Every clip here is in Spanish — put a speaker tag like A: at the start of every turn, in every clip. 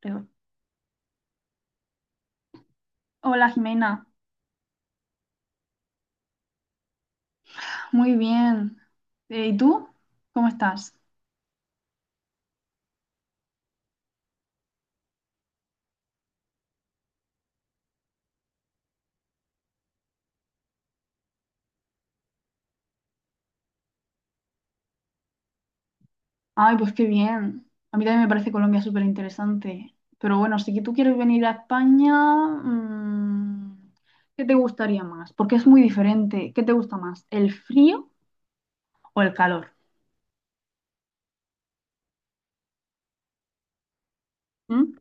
A: Creo. Hola Jimena, muy bien. ¿Y tú? ¿Cómo estás? Ay, pues qué bien. A mí también me parece Colombia súper interesante. Pero bueno, si que tú quieres venir a España, mm, ¿qué te gustaría más? Porque es muy diferente. ¿Qué te gusta más? ¿El frío o el calor? ¿Mm?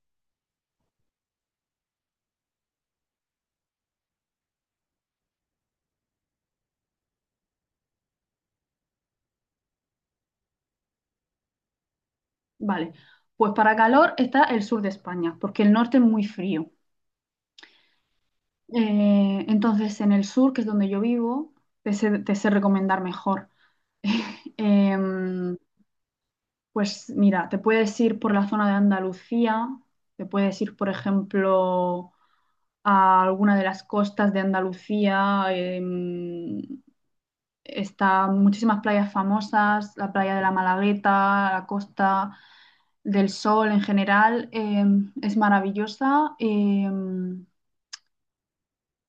A: Vale, pues para calor está el sur de España, porque el norte es muy frío. Entonces, en el sur, que es donde yo vivo, te sé recomendar mejor. Em, pues mira, te puedes ir por la zona de Andalucía, te puedes ir, por ejemplo, a alguna de las costas de Andalucía. Está muchísimas playas famosas, la playa de la Malagueta, la Costa del Sol en general, es maravillosa.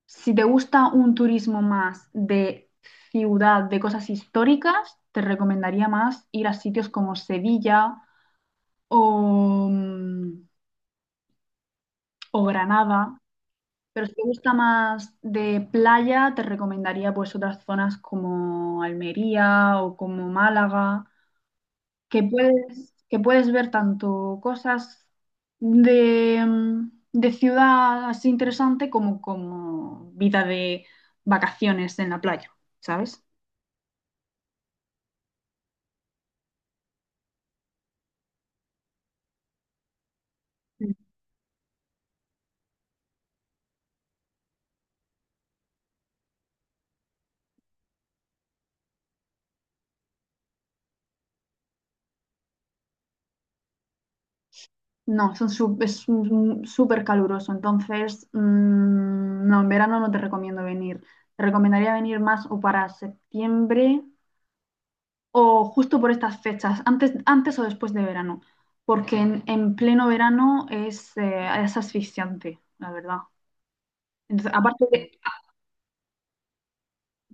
A: Si te gusta un turismo más de ciudad, de cosas históricas, te recomendaría más ir a sitios como Sevilla o... mm, o Granada, pero si te gusta más de playa, te recomendaría pues otras zonas como Almería o como Málaga, que puedes ver tanto cosas de ciudad así interesante como, como vida de vacaciones en la playa, ¿sabes? Mm. No, son su- es un- súper caluroso, entonces no, en verano no te recomiendo venir. Te recomendaría venir más o para septiembre o justo por estas fechas, antes o después de verano, porque en pleno verano es asfixiante, la verdad. Entonces, aparte de,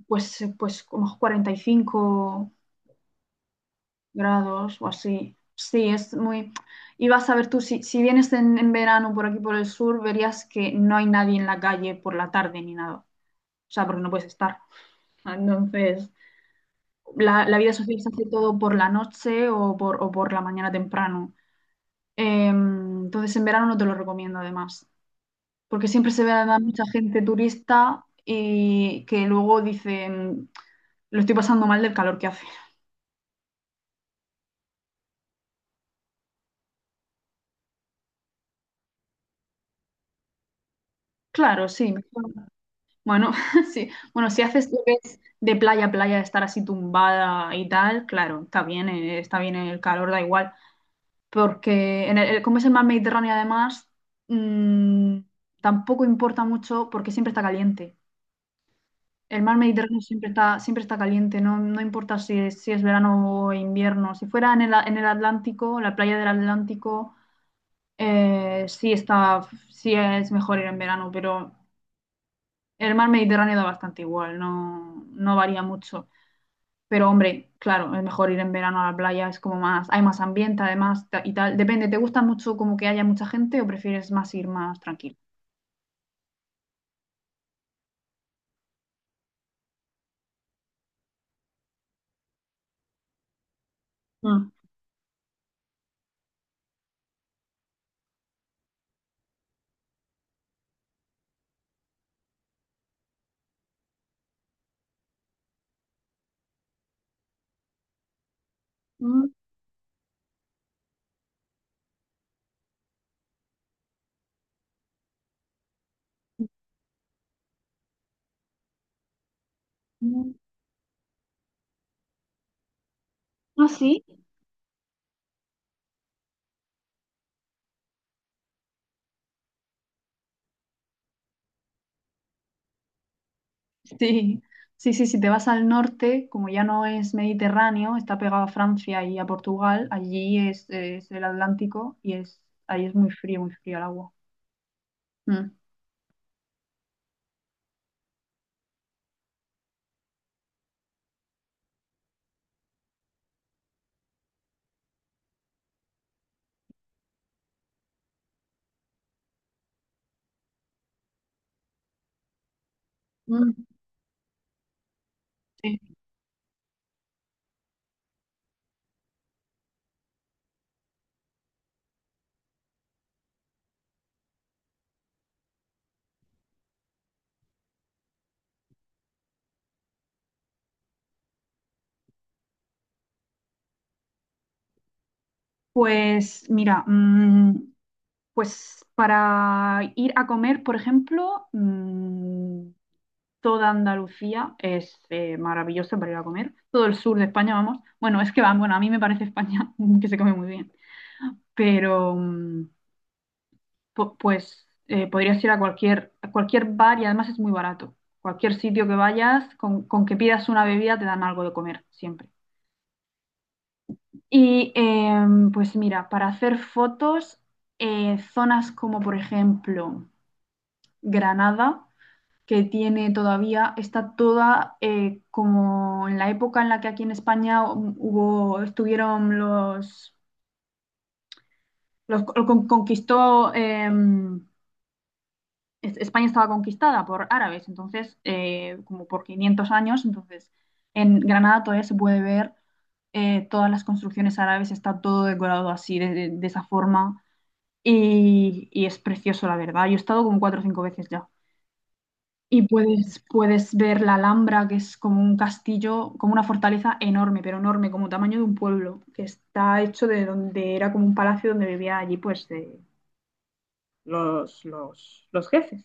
A: pues, pues como 45 grados o así, sí, es muy... Y vas a ver tú, si vienes en verano por aquí por el sur, verías que no hay nadie en la calle por la tarde ni nada, o sea, porque no puedes estar. Entonces, la vida social se hace todo por la noche o por la mañana temprano. Entonces en verano no te lo recomiendo además, porque siempre se ve a mucha gente turista y que luego dicen, lo estoy pasando mal del calor que hace. Claro, sí, mejor. Bueno, sí. Bueno, si haces lo que es de playa a playa, estar así tumbada y tal, claro, está bien el calor, da igual. Porque en como es el mar Mediterráneo además, mm, tampoco importa mucho porque siempre está caliente. El mar Mediterráneo siempre está caliente, no, no importa si es, si es verano o invierno. Si fuera en el Atlántico, la playa del Atlántico, sí está, sí es mejor ir en verano, pero el mar Mediterráneo da bastante igual, no, no varía mucho. Pero hombre, claro, es mejor ir en verano a la playa, es como más, hay más ambiente además y tal. Depende, ¿te gusta mucho como que haya mucha gente o prefieres más ir más tranquilo? Mm. Mm, mm. Ah, sí. Sí, sí, sí, si te vas al norte, como ya no es Mediterráneo, está pegado a Francia y a Portugal, allí es el Atlántico y es, ahí es muy frío el agua. Mm. Mm, sí. Pues mira, pues para ir a comer, por ejemplo, toda Andalucía es maravillosa para ir a comer, todo el sur de España, vamos. Bueno, es que va, bueno, a mí me parece España que se come muy bien, pero... mm, pues podrías ir a cualquier bar y además es muy barato. Cualquier sitio que vayas, con que pidas una bebida te dan algo de comer siempre. Y pues mira, para hacer fotos, zonas como por ejemplo Granada, que tiene todavía, está toda como en la época en la que aquí en España hubo, estuvieron los, conquistó España estaba conquistada por árabes, entonces, como por 500 años, entonces en Granada todavía se puede ver todas las construcciones árabes, está todo decorado así, de esa forma, y es precioso, la verdad. Yo he estado como cuatro o cinco veces ya. Y puedes ver la Alhambra, que es como un castillo, como una fortaleza enorme, pero enorme, como tamaño de un pueblo, que está hecho de donde era como un palacio donde vivía allí, pues, de los jefes.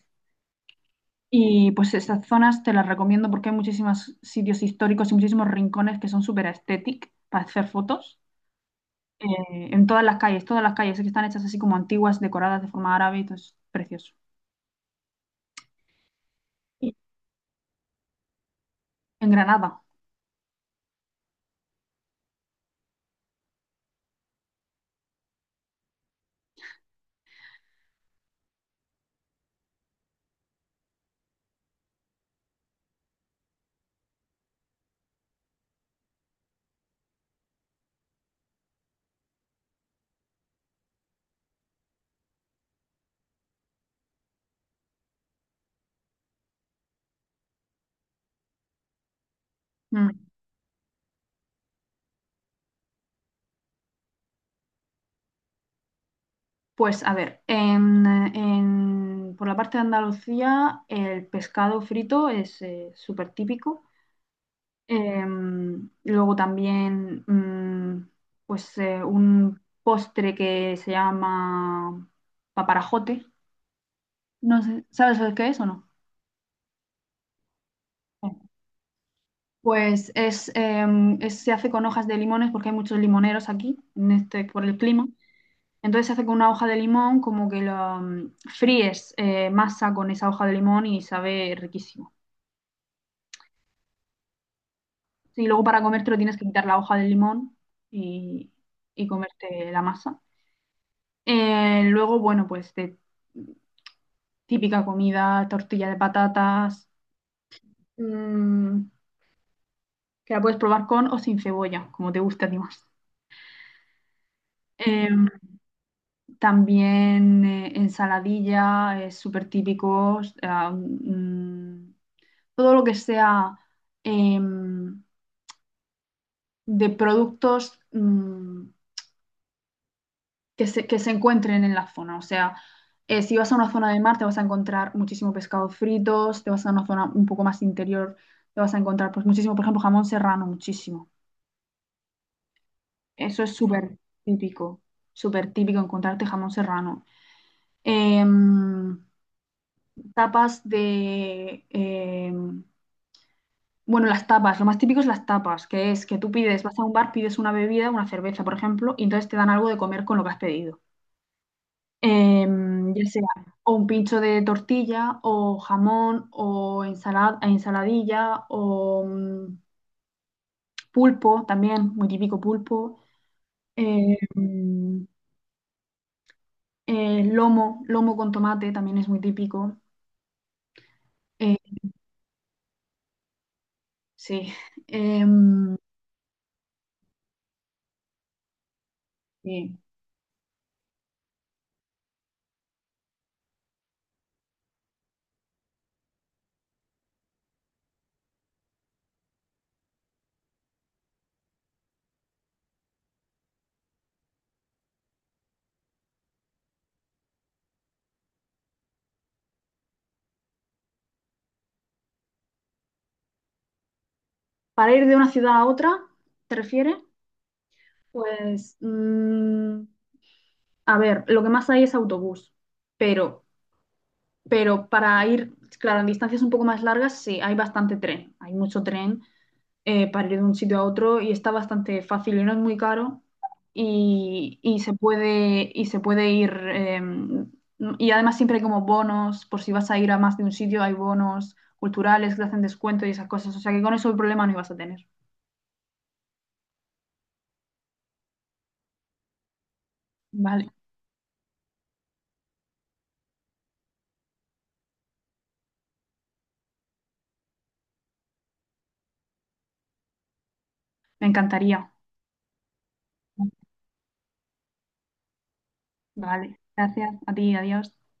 A: Y pues esas zonas te las recomiendo porque hay muchísimos sitios históricos y muchísimos rincones que son súper estéticos para hacer fotos. En todas las calles que están hechas así como antiguas, decoradas de forma árabe, y todo es precioso. Y en Granada. Mm. Pues a ver, en, por la parte de Andalucía el pescado frito es súper típico. Em, luego también, pues un postre que se llama paparajote. No sé, ¿sabes lo que es o no? No. Pues es, se hace con hojas de limones porque hay muchos limoneros aquí, en este, por el clima. Entonces se hace con una hoja de limón, como que fríes masa con esa hoja de limón y sabe riquísimo. Y luego para comértelo tienes que quitar la hoja del limón y, y comerte la masa. Luego, bueno, pues de típica comida, tortilla de patatas, mm, que la puedes probar con o sin cebolla, como te guste a ti más. Em, también ensaladilla, es súper típico. Todo lo que sea em, de productos que se encuentren en la zona. O sea, si vas a una zona de mar, te vas a encontrar muchísimo pescado fritos, te vas a una zona un poco más interior, te vas a encontrar pues muchísimo, por ejemplo, jamón serrano, muchísimo. Eso es típico, súper típico encontrarte jamón serrano. Em, tapas de, em, Bueno, las tapas, lo más típico es las tapas, que es que tú pides, vas a un bar, pides una bebida, una cerveza, por ejemplo, y entonces te dan algo de comer con lo que has pedido. Em, ya sea o un pincho de tortilla, o jamón, o ensalada, ensaladilla, pulpo, también, muy típico pulpo. Em, lomo, lomo con tomate, también es muy típico. Eh, sí. Em, sí. Para ir de una ciudad a otra, ¿te refieres? Pues a ver, lo que más hay es autobús, pero, pero para ir, claro, en distancias un poco más largas, sí, hay bastante tren, hay mucho tren para ir de un sitio a otro y está bastante fácil y no es muy caro y se puede ir, y además siempre hay como bonos, por si vas a ir a más de un sitio, hay bonos culturales que te hacen descuento y esas cosas, o sea que con eso el problema no ibas a tener. Vale, me encantaría. Vale, gracias a ti, adiós.